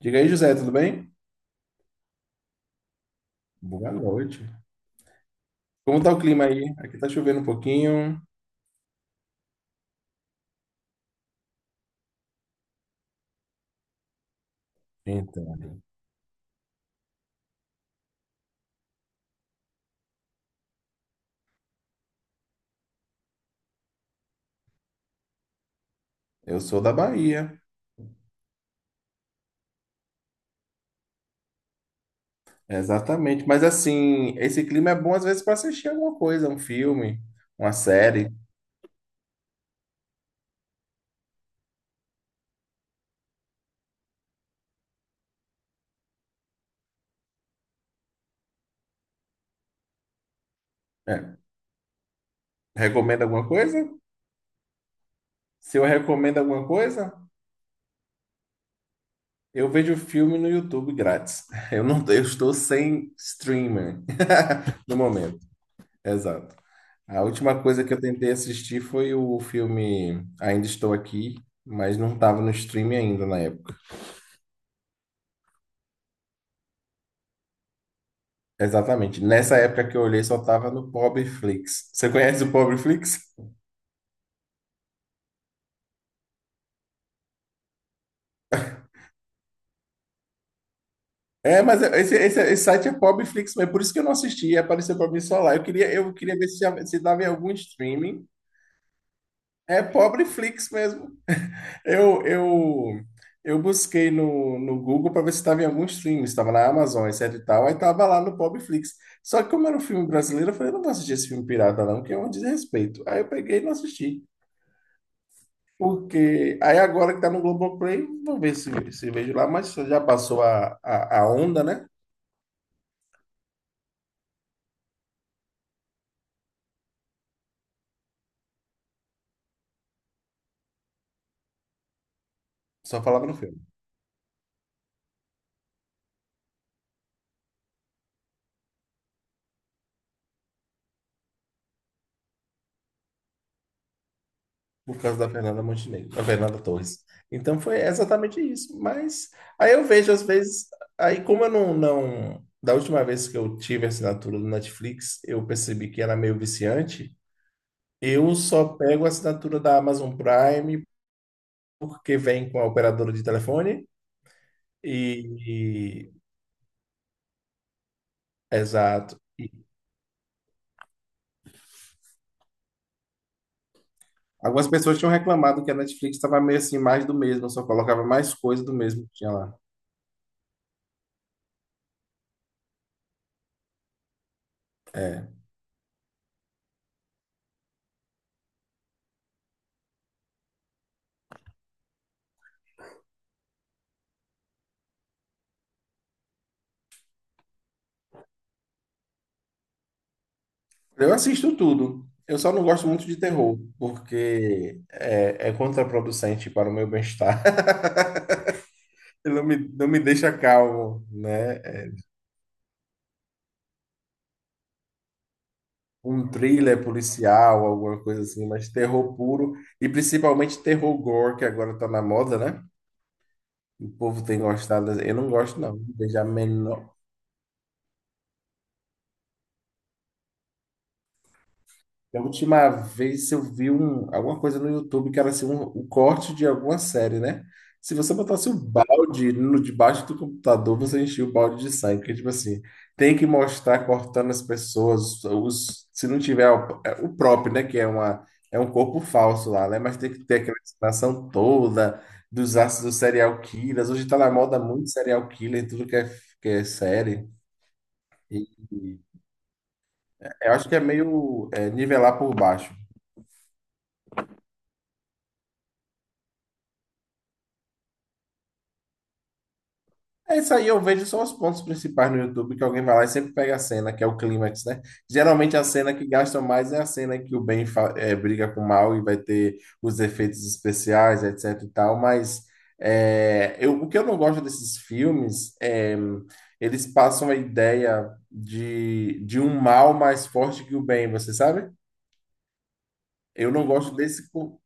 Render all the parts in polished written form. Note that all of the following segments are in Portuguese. Diga aí, José, tudo bem? Boa noite. Como tá o clima aí? Aqui tá chovendo um pouquinho. Então, eu sou da Bahia, exatamente. Mas assim, esse clima é bom às vezes para assistir alguma coisa, um filme, uma série. É. Recomenda alguma coisa? Se eu recomendo alguma coisa, eu vejo filme no YouTube grátis. Eu estou sem streamer no momento. Exato. A última coisa que eu tentei assistir foi o filme Ainda Estou Aqui, mas não estava no streaming ainda na época. Exatamente. Nessa época que eu olhei, só tava no Pobreflix. Você conhece o Pobreflix? É, mas esse site é Pobreflix, mas por isso que eu não assisti, apareceu pra mim só lá. Eu queria ver se, já- se dava em algum streaming. É Pobreflix mesmo. Eu, eu, eu busquei no Google para ver se estava em algum streaming, estava na Amazon, etc. e tal, aí tava lá no Pobreflix. Só que como era um filme brasileiro, eu falei, não vou assistir esse filme pirata não, que é um desrespeito. Aí eu peguei e não assisti. Porque aí agora que tá no Globoplay, vou ver se, se vejo lá, mas já passou a onda, né? Só falava no filme, por causa da Fernanda Montenegro, da Fernanda Torres. Então foi exatamente isso. Mas aí eu vejo às vezes, aí como eu não, não, da última vez que eu tive a assinatura do Netflix, eu percebi que era meio viciante. Eu só pego a assinatura da Amazon Prime porque vem com a operadora de telefone e, e- exato. Algumas pessoas tinham reclamado que a Netflix estava meio assim, mais do mesmo, só colocava mais coisa do mesmo que tinha lá. É. Eu assisto tudo. Eu só não gosto muito de terror, porque é contraproducente para o meu bem-estar. Não me deixa calmo, né? Um thriller policial, alguma coisa assim, mas terror puro, e principalmente terror gore, que agora tá na moda, né? O povo tem gostado. Eu não gosto, não. Não vejo a menor. Da última vez eu vi alguma coisa no YouTube que era assim, o corte de alguma série, né? Se você botasse o balde no debaixo do computador, você enchia o balde de sangue. Porque, tipo assim, tem que mostrar cortando as pessoas. Se não tiver o, é, o próprio, né? É um corpo falso lá, né? Mas tem que ter aquela explanação toda dos ácidos dos serial killers. Hoje tá na moda muito serial killer, tudo que é série. E eu acho que é meio nivelar por baixo. É isso aí, eu vejo só os pontos principais no YouTube que alguém vai lá e sempre pega a cena, que é o clímax, né? Geralmente a cena que gasta mais é a cena que o bem briga com o mal e vai ter os efeitos especiais, etc. e tal, mas o que eu não gosto desses filmes é eles passam a ideia de um mal mais forte que o bem, você sabe? Eu não gosto desse, con-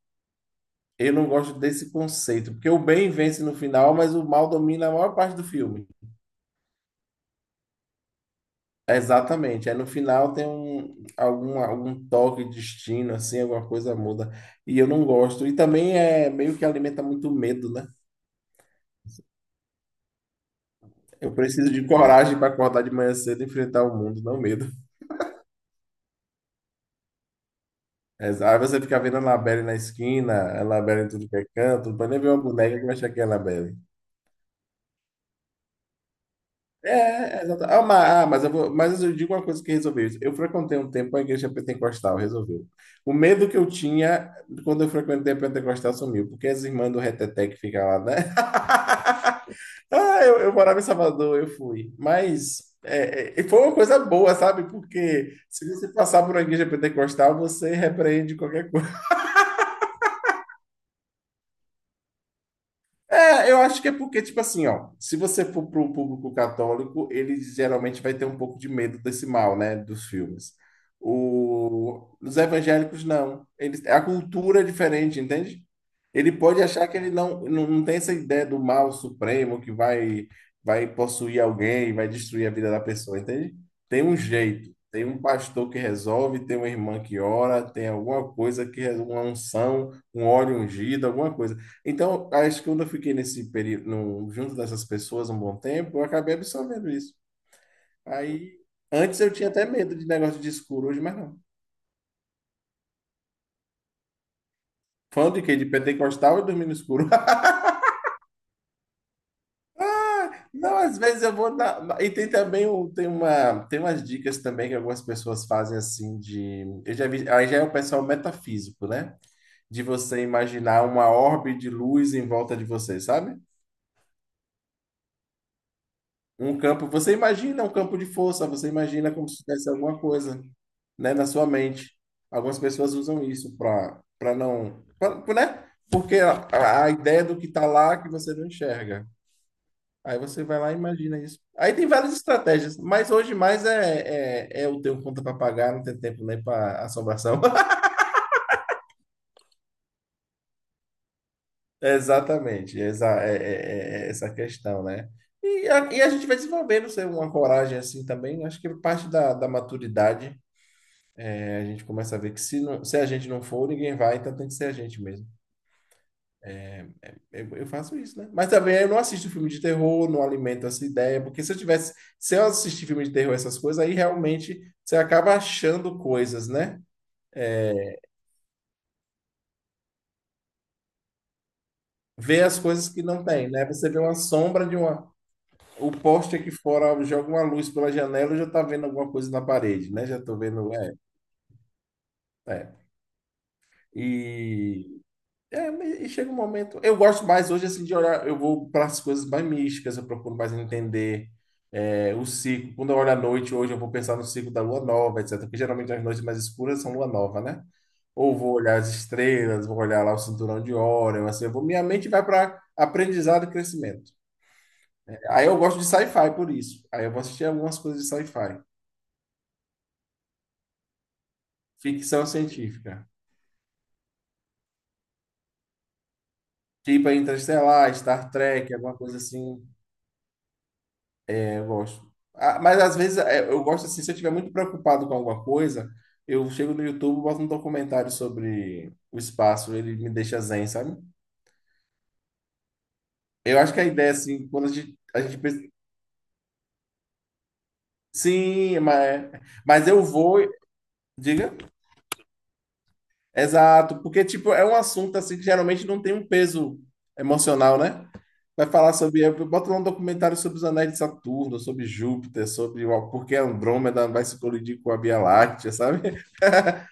eu não gosto desse conceito, porque o bem vence no final, mas o mal domina a maior parte do filme. Exatamente. Aí no final tem algum toque de destino, assim, alguma coisa muda. E eu não gosto. E também é meio que alimenta muito medo, né? Eu preciso de coragem para acordar de manhã cedo e enfrentar o mundo, não medo. Aí você fica vendo a Annabelle na esquina, a Annabelle em tudo que é canto, não pode nem ver uma boneca que vai achar que é a Annabelle. É, exato. Mas eu digo uma coisa que resolveu isso. Eu frequentei um tempo a igreja pentecostal, resolveu. O medo que eu tinha quando eu frequentei a pentecostal sumiu, porque as irmãs do Reteté que ficam lá, né? Ah, eu morava em Salvador, eu fui. Mas foi uma coisa boa, sabe? Porque se você passar por uma igreja pentecostal, você repreende qualquer coisa. É, eu acho que é porque, tipo assim, ó, se você for para o público católico, ele geralmente vai ter um pouco de medo desse mal, né, dos filmes. Os evangélicos não. A cultura é diferente, entende? Ele pode achar que ele não tem essa ideia do mal supremo que vai possuir alguém, vai destruir a vida da pessoa, entende? Tem um jeito, tem um pastor que resolve, tem uma irmã que ora, tem alguma coisa que é uma unção, um óleo ungido, alguma coisa. Então, acho que quando eu fiquei nesse período, junto dessas pessoas um bom tempo, eu acabei absorvendo isso. Aí, antes eu tinha até medo de negócio de escuro, hoje mais não. Fã de quê? De pentecostal e dormir no escuro. Não, às vezes eu vou e tem também tem umas dicas também que algumas pessoas fazem assim de... Eu já vi... Aí já é o pessoal metafísico, né? De você imaginar uma orbe de luz em volta de você, sabe? Um campo, você imagina um campo de força, você imagina como se tivesse alguma coisa, né, na sua mente. Algumas pessoas usam isso para não, pra, né? Porque a ideia do que está lá que você não enxerga. Aí você vai lá e imagina isso. Aí tem várias estratégias, mas hoje mais é eu tenho conta para pagar, não tem tempo nem para assombração. Exatamente, exa é essa questão, né? E a gente vai desenvolvendo sei, uma coragem assim também, acho que parte da maturidade. A gente começa a ver que se a gente não for, ninguém vai, então tem que ser a gente mesmo. Eu faço isso, né? Mas também eu não assisto filme de terror, não alimento essa ideia, porque se eu tivesse, se eu assistir filme de terror, essas coisas, aí realmente você acaba achando coisas, né? Vê as coisas que não tem, né? Você vê uma sombra de uma. O poste aqui fora joga uma luz pela janela, eu já tá vendo alguma coisa na parede, né? Já tô vendo. É, é. E e chega um momento. Eu gosto mais hoje assim de olhar. Eu vou para as coisas mais místicas, eu procuro mais entender o ciclo. Quando eu olho à noite, hoje eu vou pensar no ciclo da lua nova, etc. Porque geralmente as noites mais escuras são lua nova, né? Ou vou olhar as estrelas, vou olhar lá o cinturão de Órion, assim, eu vou, minha mente vai para aprendizado e crescimento. Aí eu gosto de sci-fi por isso. Aí eu vou assistir algumas coisas de sci-fi, ficção científica, tipo Interestelar, Star Trek, alguma coisa assim. Eu gosto. Ah, mas às vezes eu gosto assim, se eu estiver muito preocupado com alguma coisa, eu chego no YouTube, boto um documentário sobre o espaço, ele me deixa zen, sabe? Eu acho que a ideia, assim, quando a gente pensa, sim, mas eu vou, diga, exato, porque, tipo, é um assunto, assim, que geralmente não tem um peso emocional, né? Vai falar sobre, eu boto lá um documentário sobre os anéis de Saturno, sobre Júpiter, sobre por que Andrômeda vai se colidir com a Via Láctea, sabe?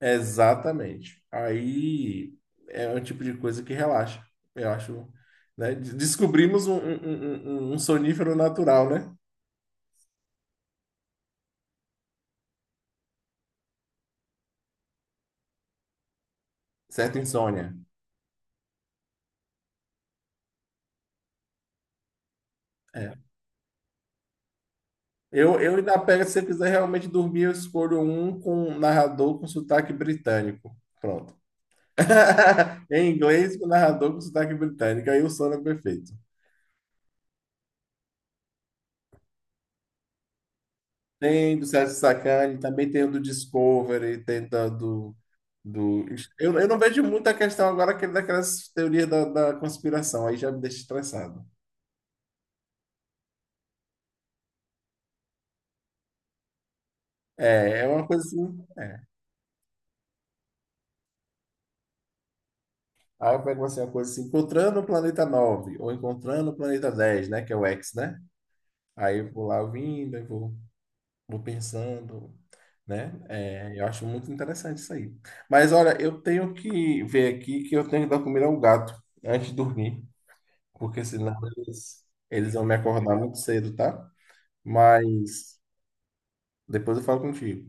Exatamente. Aí é um tipo de coisa que relaxa. Eu acho, né? Descobrimos um sonífero natural, né? Certa insônia. É. Eu ainda pego, se você quiser realmente dormir, eu escolho um com um narrador com sotaque britânico. Pronto. Em inglês, com narrador com sotaque britânico. Aí o sono é perfeito. Tem do Sérgio Sacani, também tem o do Discovery, tem do Do... Eu não vejo muita questão agora daquelas teorias da conspiração, aí já me deixa estressado. É, é uma coisa assim. É. Aí eu pego assim, uma coisa assim, encontrando o planeta 9 ou encontrando o planeta 10, né? Que é o X, né? Aí eu vou lá ouvindo, eu vou pensando, né? É, eu acho muito interessante isso aí. Mas olha, eu tenho que ver aqui que eu tenho que dar comida ao gato antes de dormir, porque senão eles vão me acordar muito cedo, tá? Mas depois eu falo contigo.